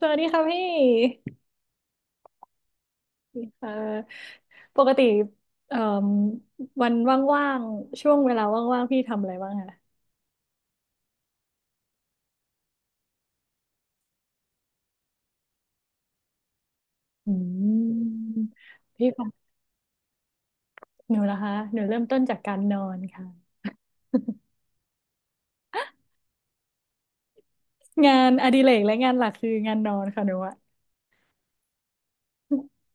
สวัสดีค่ะพี่เอ่อปกติเอ่มวันว่างๆช่วงเวลาว่างๆพี่ทำอะไรบ้างคะอืมพี่ของหนูนะคะหนูเริ่มต้นจากการนอนค่ะ งานอดิเรกและงานหลักคืองานนอนค่ะหนูอะ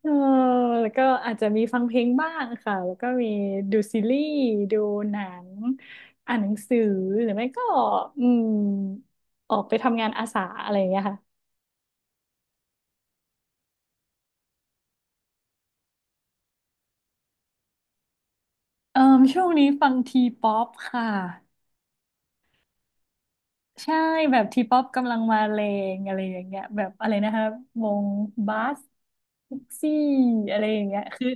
เออแล้วก็อาจจะมีฟังเพลงบ้างค่ะแล้วก็มีดูซีรีส์ดูหนังอ่านหนังสือหรือไม่ก็อืมออกไปทำงานอาสาอะไรอย่างเงี้ยค่ะ เอ่อช่วงนี้ฟังทีป๊อปค่ะใช่แบบทีป๊อปกำลังมาแรงอะไรอย่างเงี้ยแบบอะไรนะครับวงบัสพิกซี่อะไรอย่างเงี้ยคือ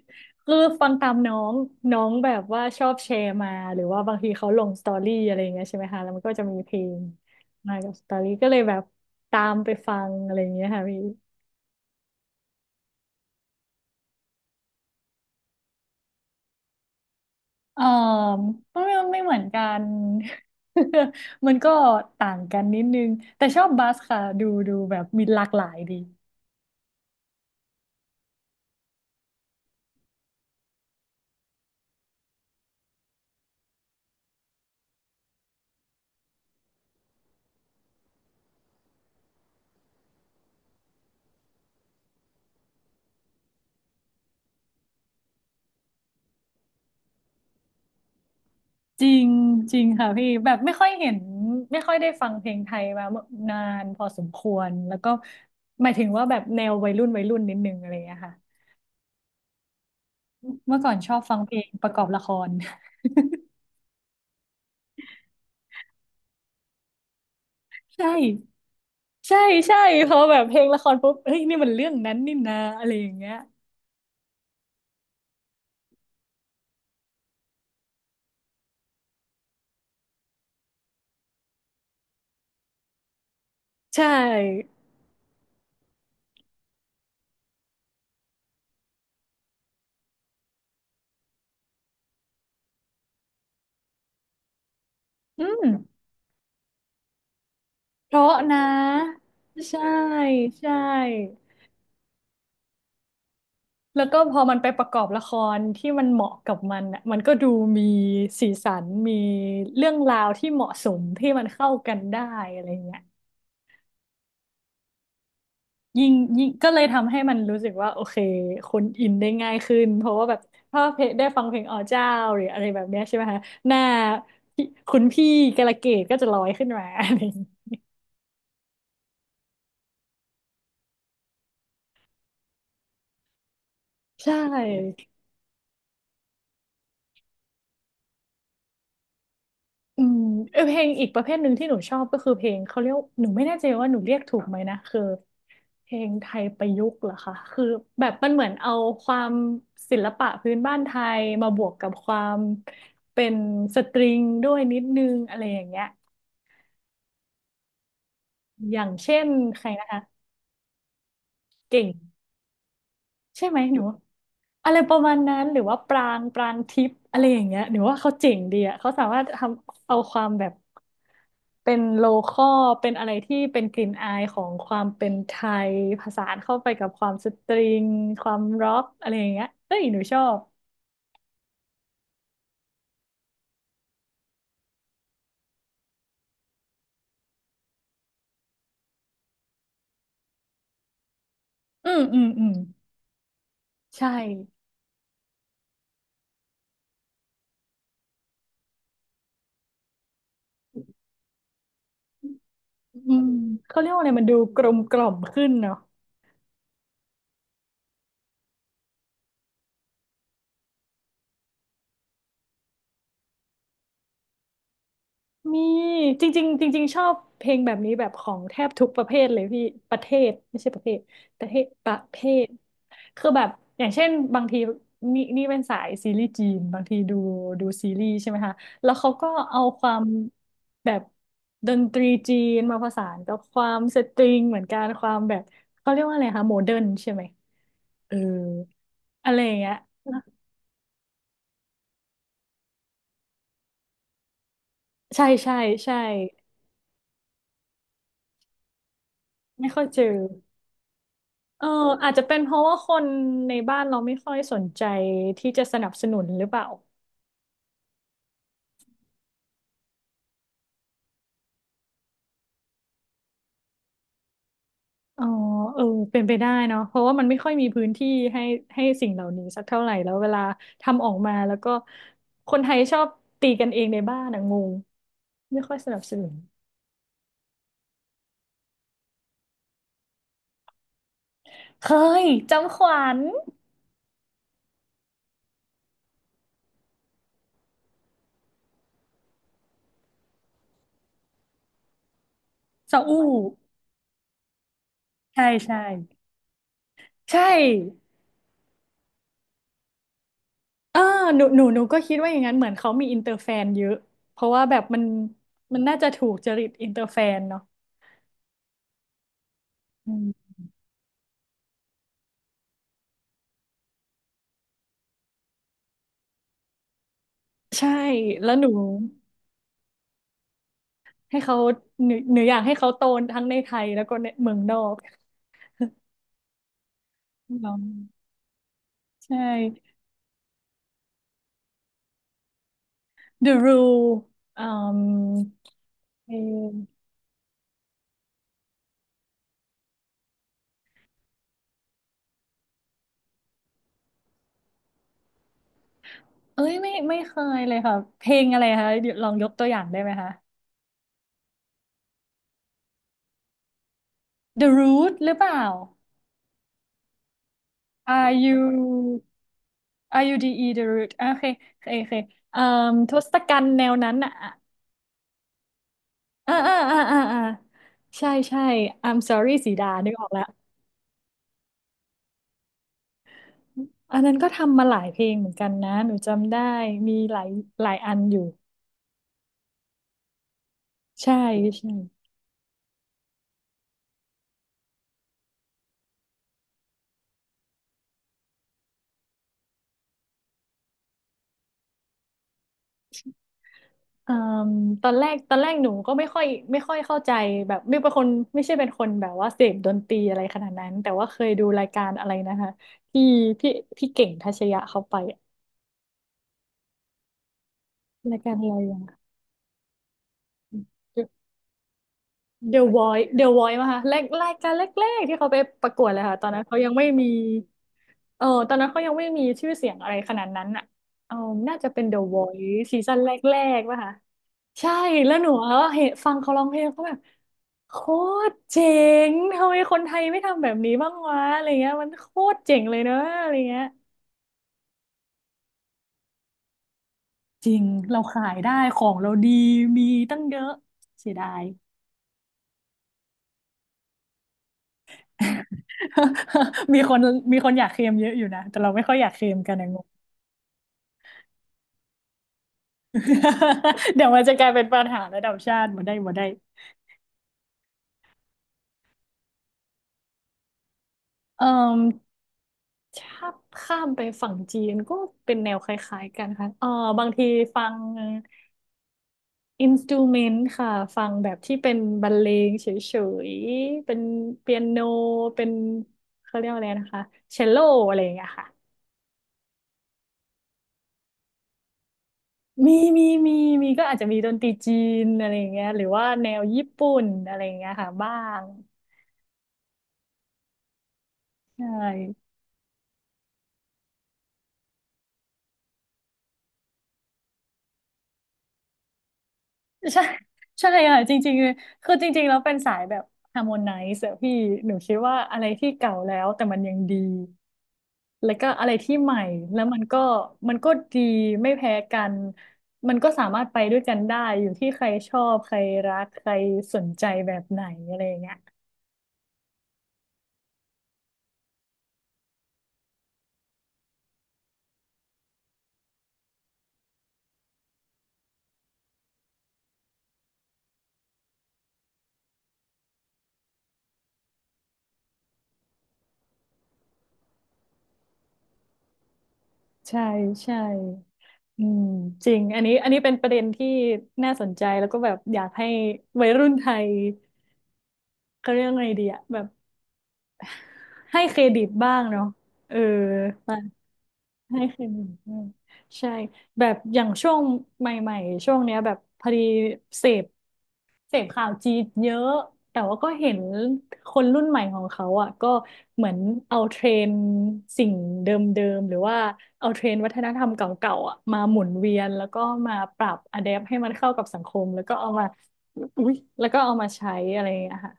คือฟังตามน้องน้องแบบว่าชอบแชร์มาหรือว่าบางทีเขาลงสตอรี่อะไรอย่างเงี้ยใช่ไหมคะแล้วมันก็จะมีเพลงมากับสตอรี่ก็เลยแบบตามไปฟังอะไรอย่างเงี้ยค่ะพี่ เออก็ไม่ไม่เหมือนกัน มันก็ต่างกันนิดนึงแต่ชอบบาสค่ะดูแบบมีหลากหลายดีจริงจริงค่ะพี่แบบไม่ค่อยเห็นไม่ค่อยได้ฟังเพลงไทยมานานพอสมควรแล้วก็หมายถึงว่าแบบแนววัยรุ่นวัยรุ่นนิดนึงอะไรอย่างเงี้ยค่ะเมื่อก่อนชอบฟังเพลงประกอบละคร ใช่ใช่ใช่พอแบบเพลงละครปุ๊บเฮ้ยนี่มันเรื่องนั้นนี่นะอะไรอย่างเงี้ยใช่อืม เพราะนะใช่ใช่แล้วก็พอมันไปประกอบละครที่มันเหมาะกับมันอ่ะมันก็ดูมีสีสันมีเรื่องราวที่เหมาะสมที่มันเข้ากันได้อะไรเงี้ยยิ่งยิ่งก็เลยทำให้มันรู้สึกว่าโอเคคนอินได้ง่ายขึ้นเพราะว่าแบบถ้าเพลงได้ฟังเพลงอ๋อเจ้าหรืออะไรแบบเนี้ยใช่ไหมคะหน้าพี่คุณพี่กาลเกตก็จะลอยขึ้นมาอะไรอย่างเงี้ยใช่ อืมเออเพลงอีกประเภทหนึ่งที่หนูชอบก็คือเพลงเขาเรียกหนูไม่แน่ใจว่าหนูเรียกถูกไหมนะคือเพลงไทยประยุกต์เหรอคะคือแบบมันเหมือนเอาความศิลปะพื้นบ้านไทยมาบวกกับความเป็นสตริงด้วยนิดนึงอะไรอย่างเงี้ยอย่างเช่นใครนะคะเก่งใช่ไหมหนู อะไรประมาณนั้นหรือว่าปรางปรางทิพย์อะไรอย่างเงี้ยหรือว่าเขาเจ๋งดีอ่ะเขาสามารถทำเอาความแบบเป็นโลคอลเป็นอะไรที่เป็นกลิ่นอายของความเป็นไทยผสานเข้าไปกับความสตริงความร็อกอะไรอย่างเงี้ยเอ้ยหนูชอบอืมอืมอืมใช่อืมเขาเรียกว่าอะไรมันดูกลมกล่อมขึ้นเนาะ มีจริงๆจริงๆชอบเพลงแบบนี้แบบของแทบทุกประเภทเลยพี่ประเทศไม่ใช่ประเภทประเทศประเภทคือแบบอย่างเช่นบางทีนี่เป็นสายซีรีส์จีนบางทีดูซีรีส์ใช่ไหมคะแล้วเขาก็เอาความแบบดนตรีจีนมาผสานกับความสตริงเหมือนกันความแบบเขาเรียกว่าอะไรคะโมเดิร์นใช่ไหมเอออะไรอย่างเงี้ยใช่ใช่ใช่ไม่ค่อยเจอ เอออาจจะเป็นเพราะว่าคนในบ้านเราไม่ค่อยสนใจที่จะสนับสนุนหรือเปล่าอ๋อเออเป็นไปได้เนาะเพราะว่ามันไม่ค่อยมีพื้นที่ให้สิ่งเหล่านี้สักเท่าไหร่แล้วเวลาทำออกมาแล้วก็คนไทยชอบตีกันเองในบ้านอะงงไม่ค่อยสนับสนุนเคยจำขวัญซาอูใช่ใช่ใช่เออหนูก็คิดว่าอย่างนั้นเหมือนเขามีอินเตอร์แฟนเยอะเพราะว่าแบบมันมันน่าจะถูกจริตอินเตอร์แฟนเนาะ ใช่แล้วหนูให้เขาหนูอยากให้เขาโตทั้งในไทยแล้วก็ในเมืองนอกเนาะใช่ The Rule อืมเพลงเอ้ยไม่ไม่เคยเลยค่ะ เพลงอะไรคะเดี๋ยวลองยกตัวอย่างได้ไหมคะ The Root หรือเปล่า R U R U D E The Root อ่ะโอเคโอเคโอเคอืมทศกัณฐ์แนวนั้นอ่ะอ่าอ่าอ่าอ่าใช่ใช่ I'm sorry สีดานึกออกแล้ว อันนั้นก็ทำมาหลายเพลงเหมือนกันนะหนูจำได้มีหลายหลายอันอยู่ใช่ใช่อืมตอนแรกหนูก็ไม่ค่อยเข้าใจแบบไม่เป็นคนไม่ใช่เป็นคนแบบว่าเสพดนตรีอะไรขนาดนั้นแต่ว่าเคยดูรายการอะไรนะคะที่พี่พี่เก่งทัชยะเขาไปอะรายการอะไรอย่าง The Voice The Voice มาค่ะแรกรายการแรกๆที่เขาไปประกวดเลยค่ะตอนนั้นเขายังไม่มี เออตอนนั้นเขายังไม่มีชื่อเสียงอะไรขนาดนั้นอ่ะเออน่าจะเป็น The Voice ซีซั่นแรกๆป่ะคะใช่แล้วหนูก็เห็นฟังเขาร้องเพลงเขาแบบโคตรเจ๋งทำไมคนไทยไม่ทำแบบนี้บ้างวะอะไรเงี้ยมันโคตรเจ๋งเลยเนอะอะไรเงี้ยจริงเราขายได้ของเราดีมีตั้งเยอะเสียดาย มีคนมีคนอยากเคลมเยอะอยู่นะแต่เราไม่ค่อยอยากเคลมกันนะงง เดี๋ยวมันจะกลายเป็นปัญหาระดับชาติมาได้มาได้เออ ถ้าข้ามไปฝั่งจีนก็เป็นแนวคล้ายๆกันค่ะเออบางทีฟังอินสตูเมนต์ค่ะฟังแบบที่เป็นบรรเลงเฉยๆเป็นเปียโนเป็นเขาเรียกว่าอะไรนะคะเชลโลอะไรอย่างเงี้ยค่ะมีมีมีก็อาจจะมีดนตรีจีนอะไรอย่างเงี้ยหรือว่าแนวญี่ปุ่นอะไรอย่างเงี้ยค่ะบ้างใช่ใช่ใช่ค่ะจริงๆคือจริงๆแล้วเป็นสายแบบฮาร์โมไนซ์อะพี่หนูคิดว่าอะไรที่เก่าแล้วแต่มันยังดี แล้วก็อะไรที่ใหม่แล้วมันก็ดีไม่แพ้กันมันก็สามารถไปด้วยกันได้อยู่ที่ใครชอบใครรักใครสนใจแบบไหนอะไรอย่างเงี้ยใช่ใช่อืมจริงอันนี้เป็นประเด็นที่น่าสนใจแล้วก็แบบอยากให้วัยรุ่นไทยเขาเรียกว่าไงดีอะแบบให้เครดิตบ้างเนาะเออ ให้เครดิตด้วยใช่แบบอย่างช่วงใหม่ๆ ช่วงเนี้ยแบบพอดีเสพเสพข่าวจีนเยอะ แต่ว่าก็เห็นคนรุ่นใหม่ของเขาอ่ะก็เหมือนเอาเทรนด์สิ่งเดิมๆ หรือว่าเอาเทรนด์วัฒนธรรมเก่าๆอ่ะมาหมุนเวียนแล้วก็มาปรับอะแดปให้มันเข้ากับสังคมแล้วก็เอามา อุ๊ยแล้วก็เอามาใช้อะไรอย่างเงี้ยค่ะ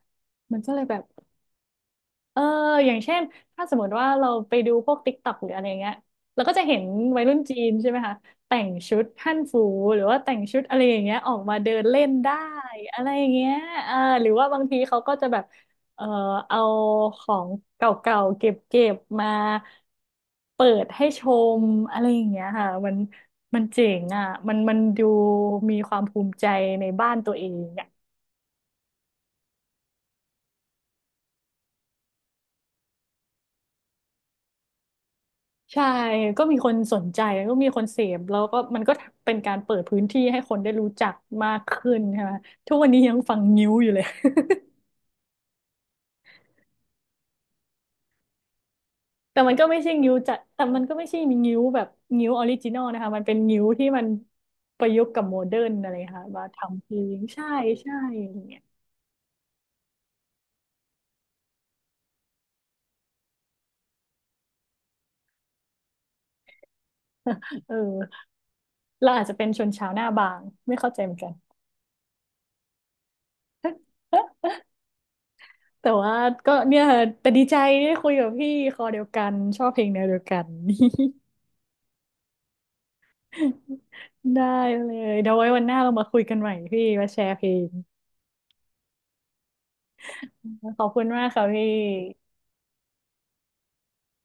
มันก็เลยแบบ เอออย่างเช่นถ้าสมมติว่าเราไปดูพวก TikTok หรืออะไรเงี้ยเราก็จะเห็นวัยรุ่นจีนใช่ไหมคะแต่งชุดฮั่นฟูหรือว่าแต่งชุดอะไรอย่างเงี้ยออกมาเดินเล่นได้อะไรอย่างเงี้ยเออหรือว่าบางทีเขาก็จะแบบเออเอาของเก่าๆเก็บๆมาเปิดให้ชมอะไรอย่างเงี้ยค่ะมันเจ๋งอ่ะมันดูมีความภูมิใจในบ้านตัวเอง ใช่ก็มีคนสนใจก็มีคนเสพแล้วก็มันก็เป็นการเปิดพื้นที่ให้คนได้รู้จักมากขึ้นใช่ไหมทุกวันนี้ยังฟังงิ้วอยู่เลย แต่มันก็ไม่ใช่มีงิ้วแบบงิ้วออริจินอลนะคะมันเป็นงิ้วที่มันประยุกต์กับโมเดิร์นอะไรค่ะมาทำเพลงใช่ใช่อย่างเงี้ยเออเราอาจจะเป็นชนชาวหน้าบางไม่เข้าใจเหมือนกัน แต่ว่าก็เนี่ยแต่ดีใจได้คุยกับพี่คอเดียวกันชอบเพลงแนวเดียวกัน ได้เลยเดี๋ยวไว้วันหน้าเรามาคุยกันใหม่พี่มาแชร์เพลงขอบคุณมากค่ะพี่